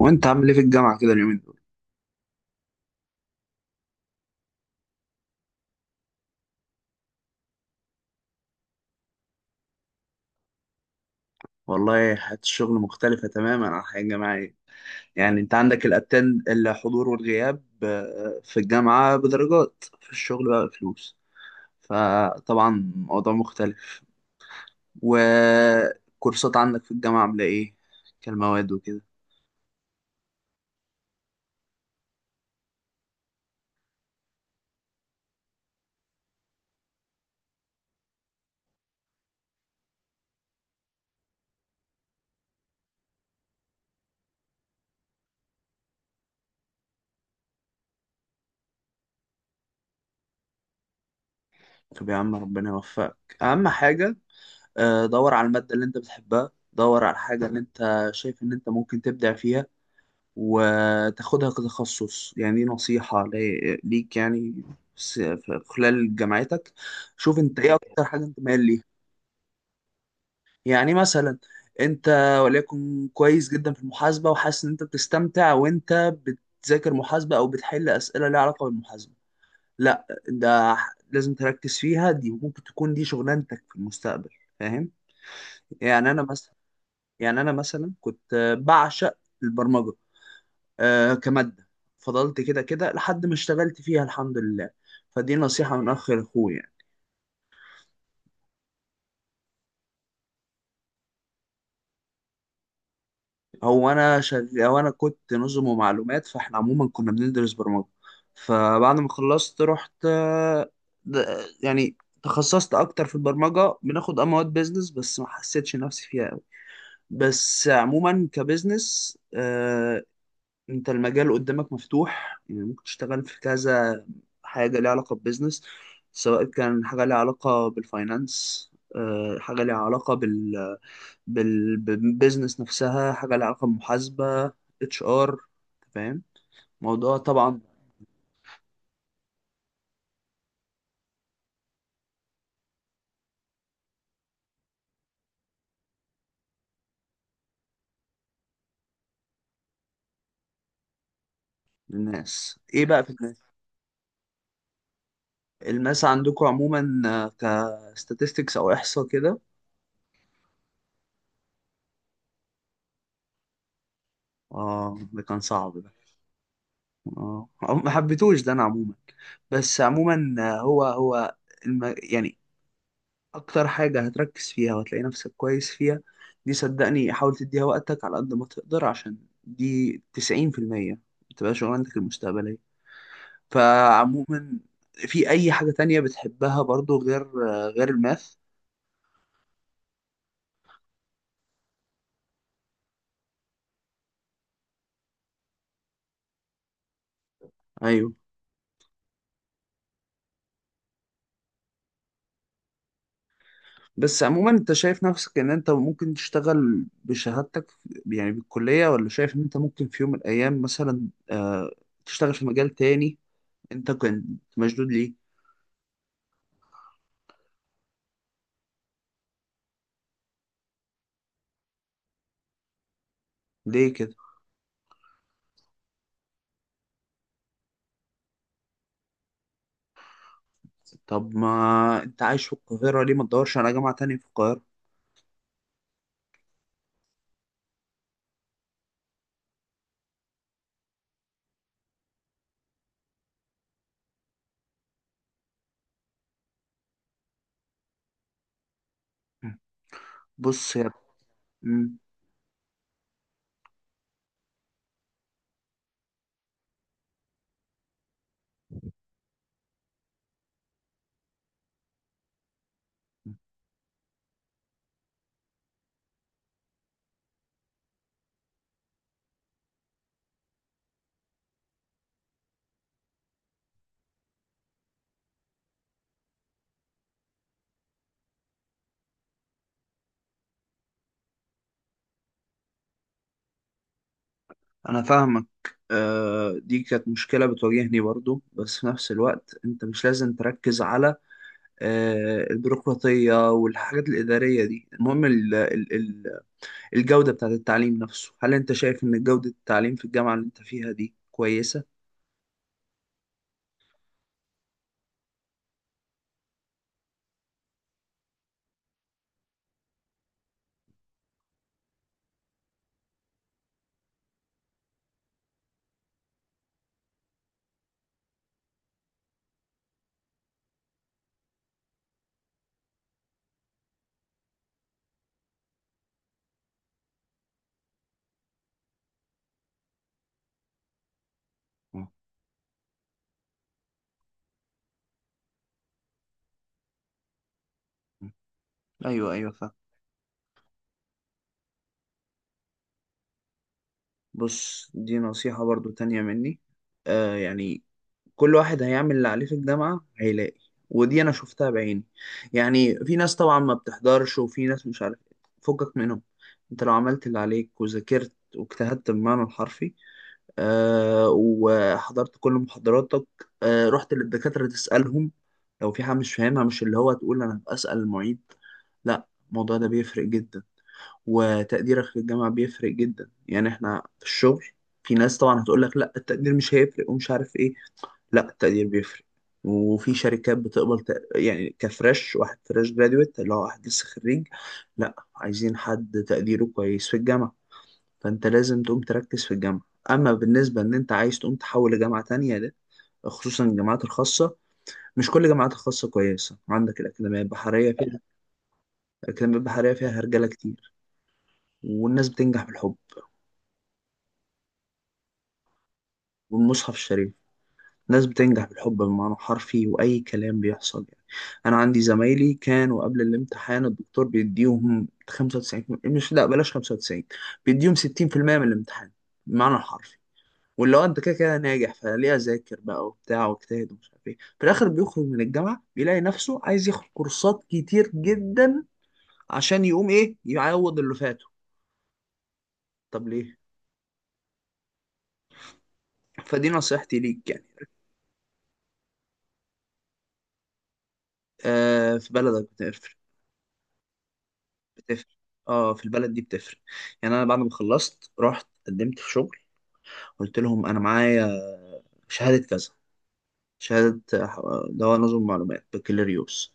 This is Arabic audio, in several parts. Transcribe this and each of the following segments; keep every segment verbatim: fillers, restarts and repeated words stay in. وانت عامل ايه في الجامعه كده اليومين دول؟ والله حياه الشغل مختلفه تماما عن الحياه الجامعيه. يعني انت عندك الاتند، الحضور والغياب، آه، في الجامعه بدرجات، في الشغل بقى فلوس. فطبعا موضوع مختلف. وكورسات عندك في الجامعه عامله ايه؟ كالمواد وكده. طب يا عم ربنا يوفقك، اهم حاجه آه، دور على الماده اللي انت بتحبها، دور على الحاجه اللي انت شايف ان انت ممكن تبدع فيها وتاخدها كتخصص. يعني دي نصيحة لي- ليك يعني. س- في خلال جامعتك شوف انت ايه اكتر حاجة انت مايل ليها. يعني مثلا انت وليكن كويس جدا في المحاسبة وحاسس ان انت بتستمتع وانت بتذاكر محاسبة او بتحل اسئلة ليها علاقة بالمحاسبة، لا ده ح- لازم تركز فيها، دي ممكن تكون دي شغلانتك في المستقبل. فاهم؟ يعني انا مثلا يعني انا مثلا كنت بعشق البرمجة آه كمادة. فضلت كده كده لحد ما اشتغلت فيها الحمد لله. فدي نصيحة من أخ لأخوه يعني. هو أنا شغ... هو أنا كنت نظم ومعلومات، فإحنا عموما كنا بندرس برمجة. فبعد ما خلصت رحت، آه، د- يعني تخصصت أكتر في البرمجة. بناخد أه مواد بيزنس بس ما حسيتش نفسي فيها أوي. بس عموما كبزنس انت المجال قدامك مفتوح، يعني ممكن تشتغل في كذا حاجة ليها علاقة ببزنس. سواء كان حاجة ليها علاقة بالفاينانس، آه، حاجة ليها علاقة بال بال- بالبيزنس نفسها، حاجة ليها علاقة بمحاسبة، اتش ار. فاهم؟ موضوع طبعا. الناس ايه بقى؟ في الناس الماس عندكم عموما، آه، كستاتستكس او احصاء كده. اه، ده كان صعب ده. اه، ما حبيتوش ده انا عموما. بس عموما آه، هو هو الم... يعني اكتر حاجة هتركز فيها وهتلاقي نفسك كويس فيها، دي صدقني حاول تديها وقتك على قد ما تقدر، عشان دي تسعين في المية بتبقى شغلانتك المستقبلية. فعموما في اي حاجة تانية بتحبها برضو غير غير الماث؟ ايوه. بس عموما انت شايف نفسك ان انت ممكن تشتغل بشهادتك يعني بالكلية، ولا شايف ان انت ممكن في يوم من الايام مثلا آه، تشتغل في مجال تاني انت كنت مشدود ليه؟ ليه كده؟ طب ما انت عايش في القاهرة، ليه ما تدورش على جامعة تانية في القاهرة؟ بص يا. مم. انا فاهمك. آه دي كانت مشكلة بتواجهني برضو، بس في نفس الوقت انت مش لازم تركز على آه البيروقراطية والحاجات الإدارية دي، المهم ال ال ال الجودة بتاعت التعليم نفسه. هل انت شايف ان جودة التعليم في الجامعة اللي انت فيها دي كويسة؟ مم. ايوه ايوه، فاهم. بص دي نصيحة برضو تانية مني آه يعني كل واحد هيعمل اللي عليه في الجامعة هيلاقي. ودي أنا شفتها بعيني. يعني في ناس طبعا ما بتحضرش، وفي ناس مش عارف إيه. فكك منهم. أنت لو عملت اللي عليك وذاكرت واجتهدت بالمعنى الحرفي، آه وحضرت كل محاضراتك، آه رحت للدكاترة تسألهم لو في حاجة مش فاهمها، مش اللي هو تقول أنا بسأل المعيد، لا الموضوع ده بيفرق جدا. وتقديرك في الجامعة بيفرق جدا. يعني احنا في الشغل، في ناس طبعا هتقول لك لا التقدير مش هيفرق ومش عارف ايه، لا التقدير بيفرق. وفي شركات بتقبل تق... يعني كفريش، واحد فريش جراديويت اللي هو واحد لسه خريج، لا عايزين حد تقديره كويس في الجامعة. فانت لازم تقوم تركز في الجامعة. اما بالنسبة ان انت عايز تقوم تحول لجامعة تانية ده، خصوصا الجامعات الخاصة، مش كل الجامعات الخاصة كويسة. عندك الأكاديمية البحرية فيها. الأكاديمية البحرية فيها هرجلة كتير، والناس بتنجح بالحب والمصحف الشريف. ناس بتنجح بالحب بمعنى حرفي، وأي كلام بيحصل يعني. أنا عندي زمايلي كانوا قبل الامتحان الدكتور بيديهم خمسة وتسعين، مش لا بلاش خمسة وتسعين، بيديهم ستين في المية من الامتحان بمعنى الحرفي. واللي هو أنت كده كده ناجح، فليه أذاكر بقى وبتاع واجتهد ومش عارف إيه، في الآخر بيخرج من الجامعة بيلاقي نفسه عايز ياخد كورسات كتير جدا عشان يقوم إيه، يعوض اللي فاته. طب ليه؟ فدي نصيحتي ليك يعني. آه في بلدك بتفرق. اه، في البلد دي بتفرق. يعني انا بعد ما خلصت رحت قدمت في شغل، قلت لهم انا معايا شهادة كذا، شهادة آه، دواء نظم معلومات بكالوريوس.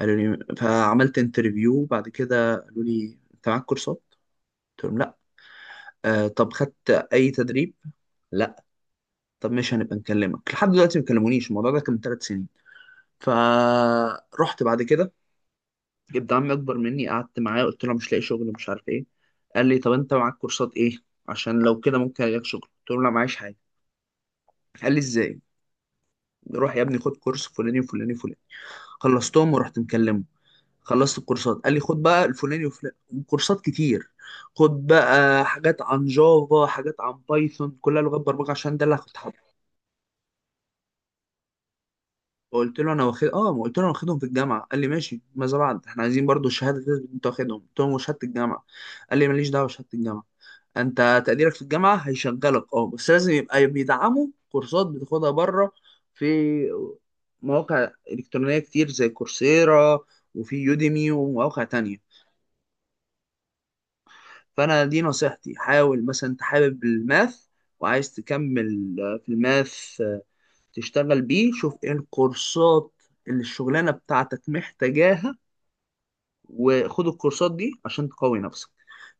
قالوا لي، فعملت انترفيو، بعد كده قالوا لي انت معاك كورسات؟ قلت لهم لا. آه، طب خدت اي تدريب؟ لا. طب مش هنبقى نكلمك. لحد دلوقتي ما كلمونيش. الموضوع ده كان من ثلاث سنين. فرحت بعد كده جبت عمي اكبر مني، قعدت معاه قلت له أنا مش لاقي شغل مش عارف ايه. قال لي طب انت معاك كورسات ايه عشان لو كده ممكن الاقي شغل. قلت له لا معيش حاجه. قال لي ازاي؟ روح يا ابني خد كورس فلاني وفلاني وفلاني. خلصتهم ورحت مكلمه، خلصت الكورسات قال لي خد بقى الفلاني وفلاني. كورسات كتير. خد بقى حاجات عن جافا، حاجات عن بايثون، كلها لغات برمجه عشان ده اللي كنت حابه. قلت له انا واخد اه ما قلت له انا واخدهم في الجامعه. قال لي ماشي، ماذا بعد، احنا عايزين برضو الشهاده اللي انت واخدهم. قلت له وشهاده الجامعه. قال لي ماليش دعوه بشهاده الجامعه. انت تقديرك في الجامعه هيشغلك اه بس لازم يبقى بيدعموا كورسات بتاخدها بره في مواقع الكترونيه كتير زي كورسيرا، وفي يوديمي ومواقع تانية. فانا دي نصيحتي، حاول مثلا انت حابب الماث وعايز تكمل في الماث تشتغل بيه، شوف ايه الكورسات اللي الشغلانه بتاعتك محتاجاها وخد الكورسات دي عشان تقوي نفسك.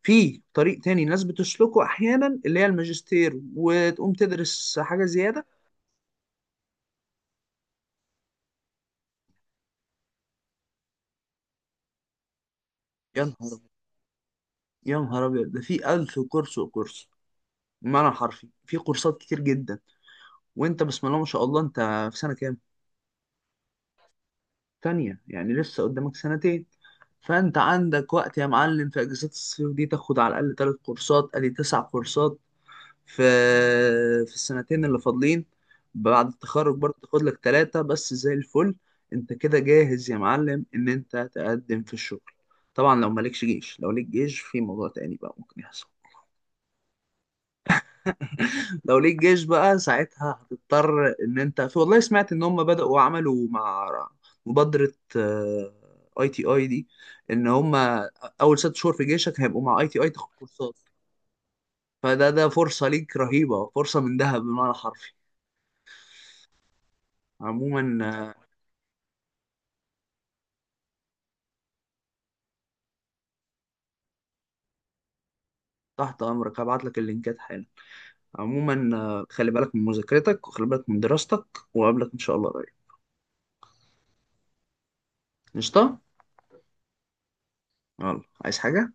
في طريق تاني الناس بتسلكه احيانا اللي هي الماجستير وتقوم تدرس حاجه زياده. يا نهار أبيض، يا نهار ابيض، ده في الف كورس وكورس بمعنى حرفي. في كورسات كتير جدا. وانت بسم الله ما شاء الله، انت في سنه كام؟ تانية، يعني لسه قدامك سنتين. فانت عندك وقت يا معلم، في اجازات الصيف دي تاخد على الاقل ثلاث كورسات، ادي تسع كورسات في في السنتين اللي فاضلين. بعد التخرج برضه تاخد لك ثلاثة بس زي الفل. انت كده جاهز يا معلم ان انت تقدم في الشغل. طبعا لو مالكش جيش، لو ليك جيش في موضوع تاني بقى ممكن يحصل. لو ليك جيش بقى ساعتها هتضطر ان انت، في والله سمعت ان هم بدأوا عملوا مع مبادرة اي تي اي دي، ان هم اول ست شهور في جيشك هيبقوا مع اي تي اي تاخد كورسات. فده ده فرصة ليك رهيبة، فرصة من ذهب بمعنى حرفي. عموما تحت أمرك هبعت لك اللينكات حالا. عموما آه، خلي بالك من مذاكرتك وخلي بالك من دراستك، وقابلك إن شاء الله قريب. قشطة؟ يلا، عايز حاجة؟